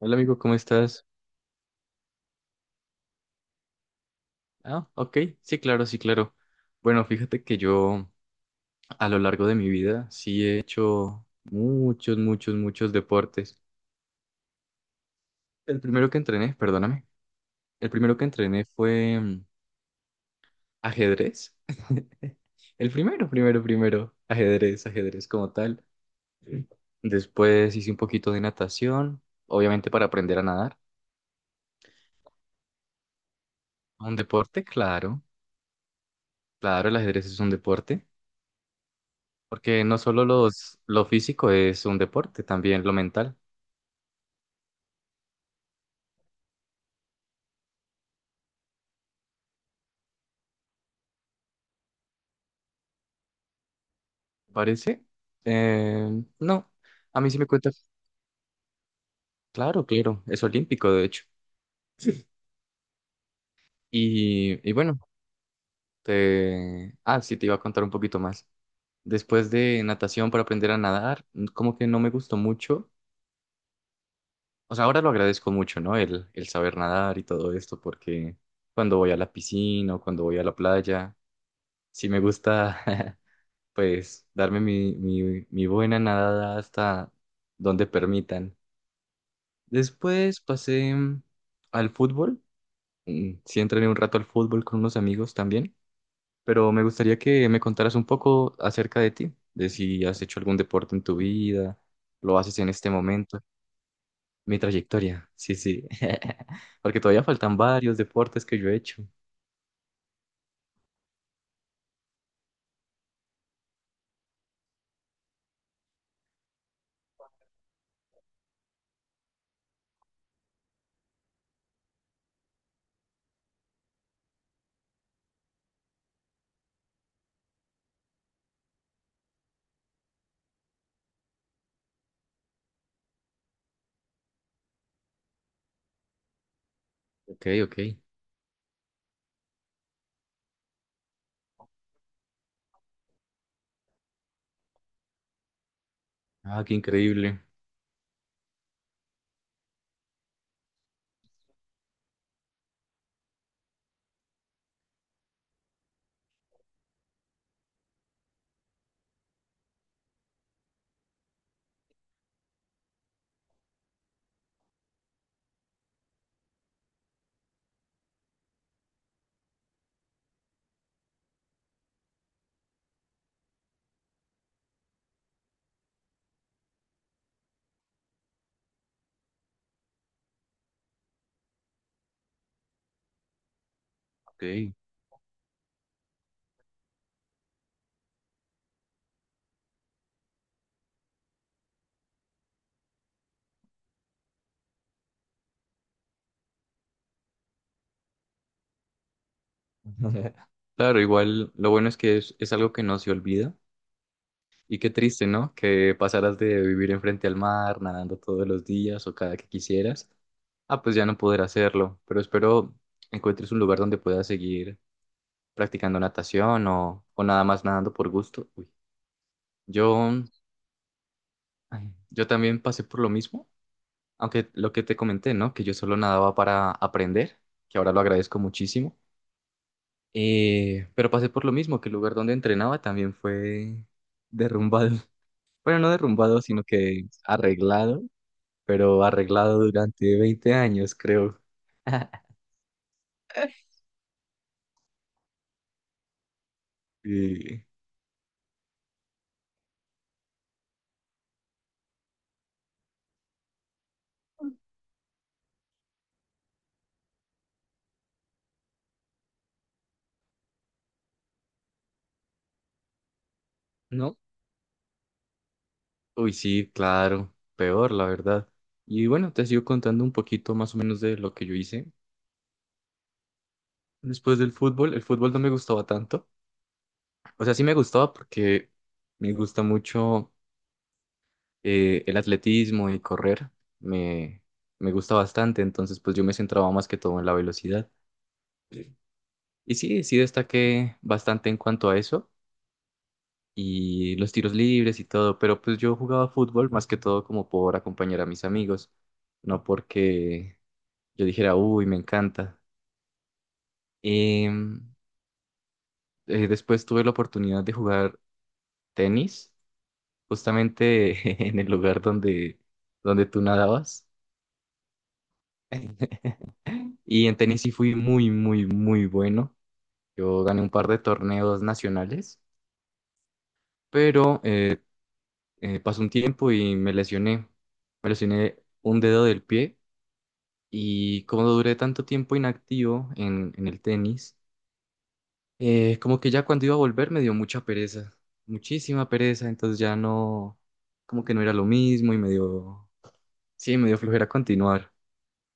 Hola amigo, ¿cómo estás? Ah, ok, sí, claro, sí, claro. Bueno, fíjate que yo a lo largo de mi vida sí he hecho muchos deportes. El primero que entrené, perdóname, el primero que entrené fue ajedrez. El primero, primero, primero, ajedrez, ajedrez como tal. Después hice un poquito de natación, obviamente para aprender a nadar. Un deporte, claro, claro, el ajedrez es un deporte, porque no solo lo físico es un deporte, también lo mental. ¿parece? Eh, no, a mí sí me cuenta. Claro, claro, es olímpico, de hecho. Y bueno, Ah, sí, te iba a contar un poquito más. Después de natación para aprender a nadar, como que no me gustó mucho. O sea, ahora lo agradezco mucho, ¿no? El saber nadar y todo esto, porque cuando voy a la piscina o cuando voy a la playa, sí me gusta, pues, darme mi buena nadada hasta donde permitan. Después pasé al fútbol. Sí entrené un rato al fútbol con unos amigos también, pero me gustaría que me contaras un poco acerca de ti, de si has hecho algún deporte en tu vida, lo haces en este momento, mi trayectoria. Sí, sí. Porque todavía faltan varios deportes que yo he hecho. Ok, ok. Ah, qué increíble. Ok. Claro, igual lo bueno es que es algo que no se olvida. Y qué triste, ¿no? Que pasaras de vivir enfrente al mar, nadando todos los días o cada que quisieras, ah, pues ya no poder hacerlo. Pero espero encuentres un lugar donde puedas seguir practicando natación o nada más nadando por gusto. Uy. Yo, ay, yo también pasé por lo mismo, aunque lo que te comenté, ¿no? Que yo solo nadaba para aprender, que ahora lo agradezco muchísimo. Pero pasé por lo mismo, que el lugar donde entrenaba también fue derrumbado. Bueno, no derrumbado, sino que arreglado, pero arreglado durante 20 años, creo. Y, ¿no? Uy, sí, claro, peor, la verdad. Y bueno, te sigo contando un poquito más o menos de lo que yo hice después del fútbol. El fútbol no me gustaba tanto. O sea, sí me gustaba porque me gusta mucho el atletismo y correr. Me, Me gusta bastante, entonces pues yo me centraba más que todo en la velocidad. Y sí, sí destaqué bastante en cuanto a eso, y los tiros libres y todo, pero pues yo jugaba fútbol más que todo como por acompañar a mis amigos, no porque yo dijera, uy, me encanta. Em, Después tuve la oportunidad de jugar tenis, justamente en el lugar donde, donde tú nadabas. Y en tenis sí fui muy bueno. Yo gané un par de torneos nacionales, pero pasó un tiempo y me lesioné. Me lesioné un dedo del pie. Y como duré tanto tiempo inactivo en el tenis, como que ya cuando iba a volver me dio mucha pereza, muchísima pereza, entonces ya no, como que no era lo mismo y me dio, sí, me dio flojera continuar.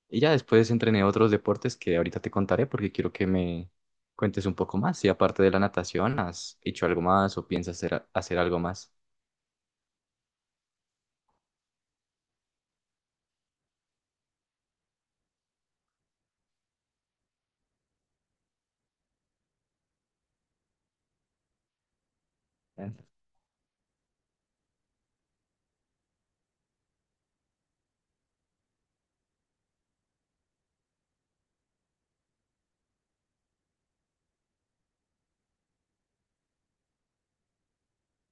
Y ya después entrené otros deportes que ahorita te contaré porque quiero que me cuentes un poco más. Si aparte de la natación, ¿has hecho algo más o piensas hacer, hacer algo más? Ah,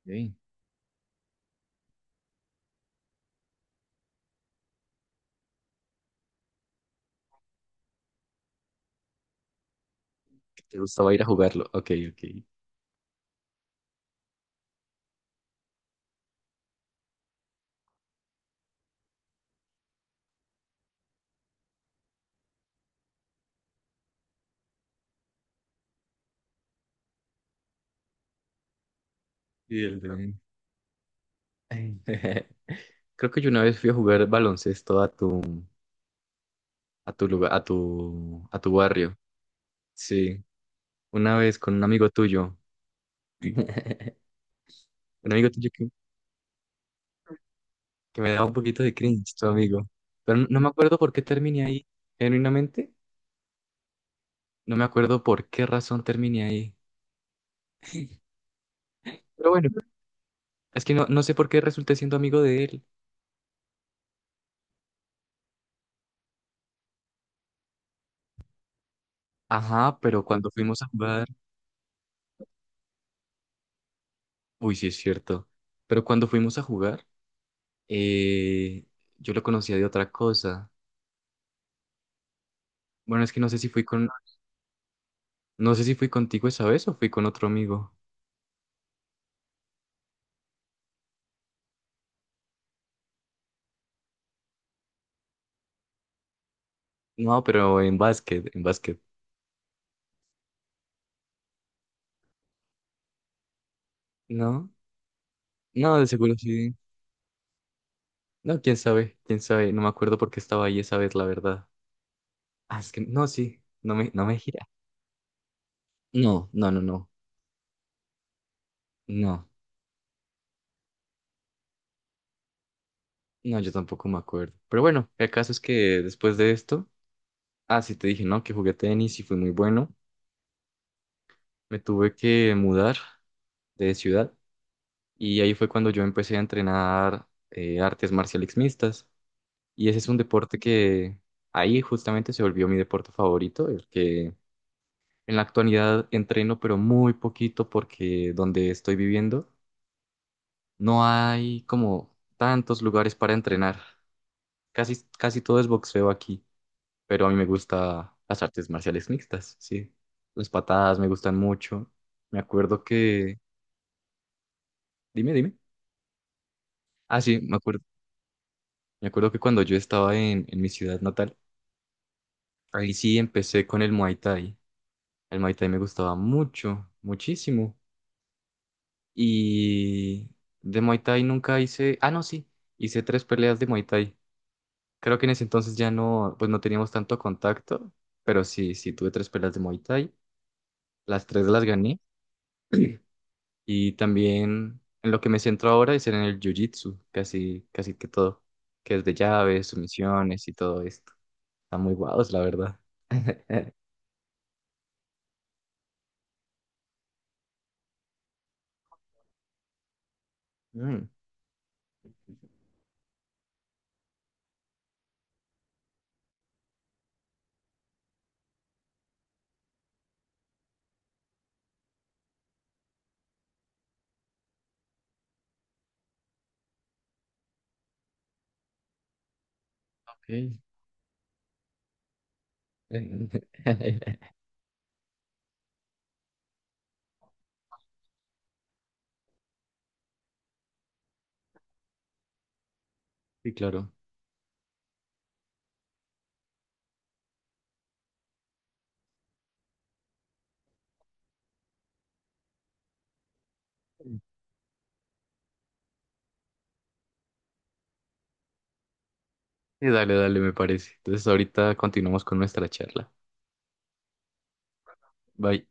ok. ¿Te gustaba ir a jugarlo? Ok, ok. Y el de- Creo que yo una vez fui a jugar baloncesto a tu lugar, a tu barrio. Sí, una vez con un amigo tuyo, un amigo tuyo que me daba un poquito de cringe, tu amigo. Pero no, no me acuerdo por qué terminé ahí, genuinamente, no me acuerdo por qué razón terminé ahí. Pero bueno, es que no, no sé por qué resulté siendo amigo de él. Ajá, pero cuando fuimos a jugar, uy, sí es cierto, pero cuando fuimos a jugar, eh, yo lo conocía de otra cosa. Bueno, es que no sé si fui con, no sé si fui contigo esa vez o fui con otro amigo. No, pero en básquet, en básquet. No, no, de seguro sí. No, quién sabe, quién sabe. No me acuerdo por qué estaba ahí esa vez, la verdad. Ah, es que no, sí, no me, no me gira. No, no, no, no, no, no, yo tampoco me acuerdo. Pero bueno, el caso es que después de esto, ah, sí te dije, ¿no? Que jugué tenis y fui muy bueno. Me tuve que mudar de ciudad y ahí fue cuando yo empecé a entrenar artes marciales mixtas. Y ese es un deporte que ahí justamente se volvió mi deporte favorito, el que en la actualidad entreno, pero muy poquito porque donde estoy viviendo no hay como tantos lugares para entrenar. Casi, casi todo es boxeo aquí, pero a mí me gusta las artes marciales mixtas, sí. Las patadas me gustan mucho. Me acuerdo que... Dime, dime. Ah, sí, me acuerdo que cuando yo estaba en mi ciudad natal, ahí sí empecé con el Muay Thai. El Muay Thai me gustaba mucho, muchísimo. Y de Muay Thai nunca hice, ah, no, sí, hice tres peleas de Muay Thai. Creo que en ese entonces ya no, pues no teníamos tanto contacto, pero sí, sí tuve tres peleas de Muay Thai, las tres las gané y también en lo que me centro ahora es en el Jiu-Jitsu, casi, casi que todo, que es de llaves, sumisiones y todo esto. Está muy guados, la verdad. Mm, ok. Sí, claro. Sí, dale, dale, me parece. Entonces ahorita continuamos con nuestra charla. Bye.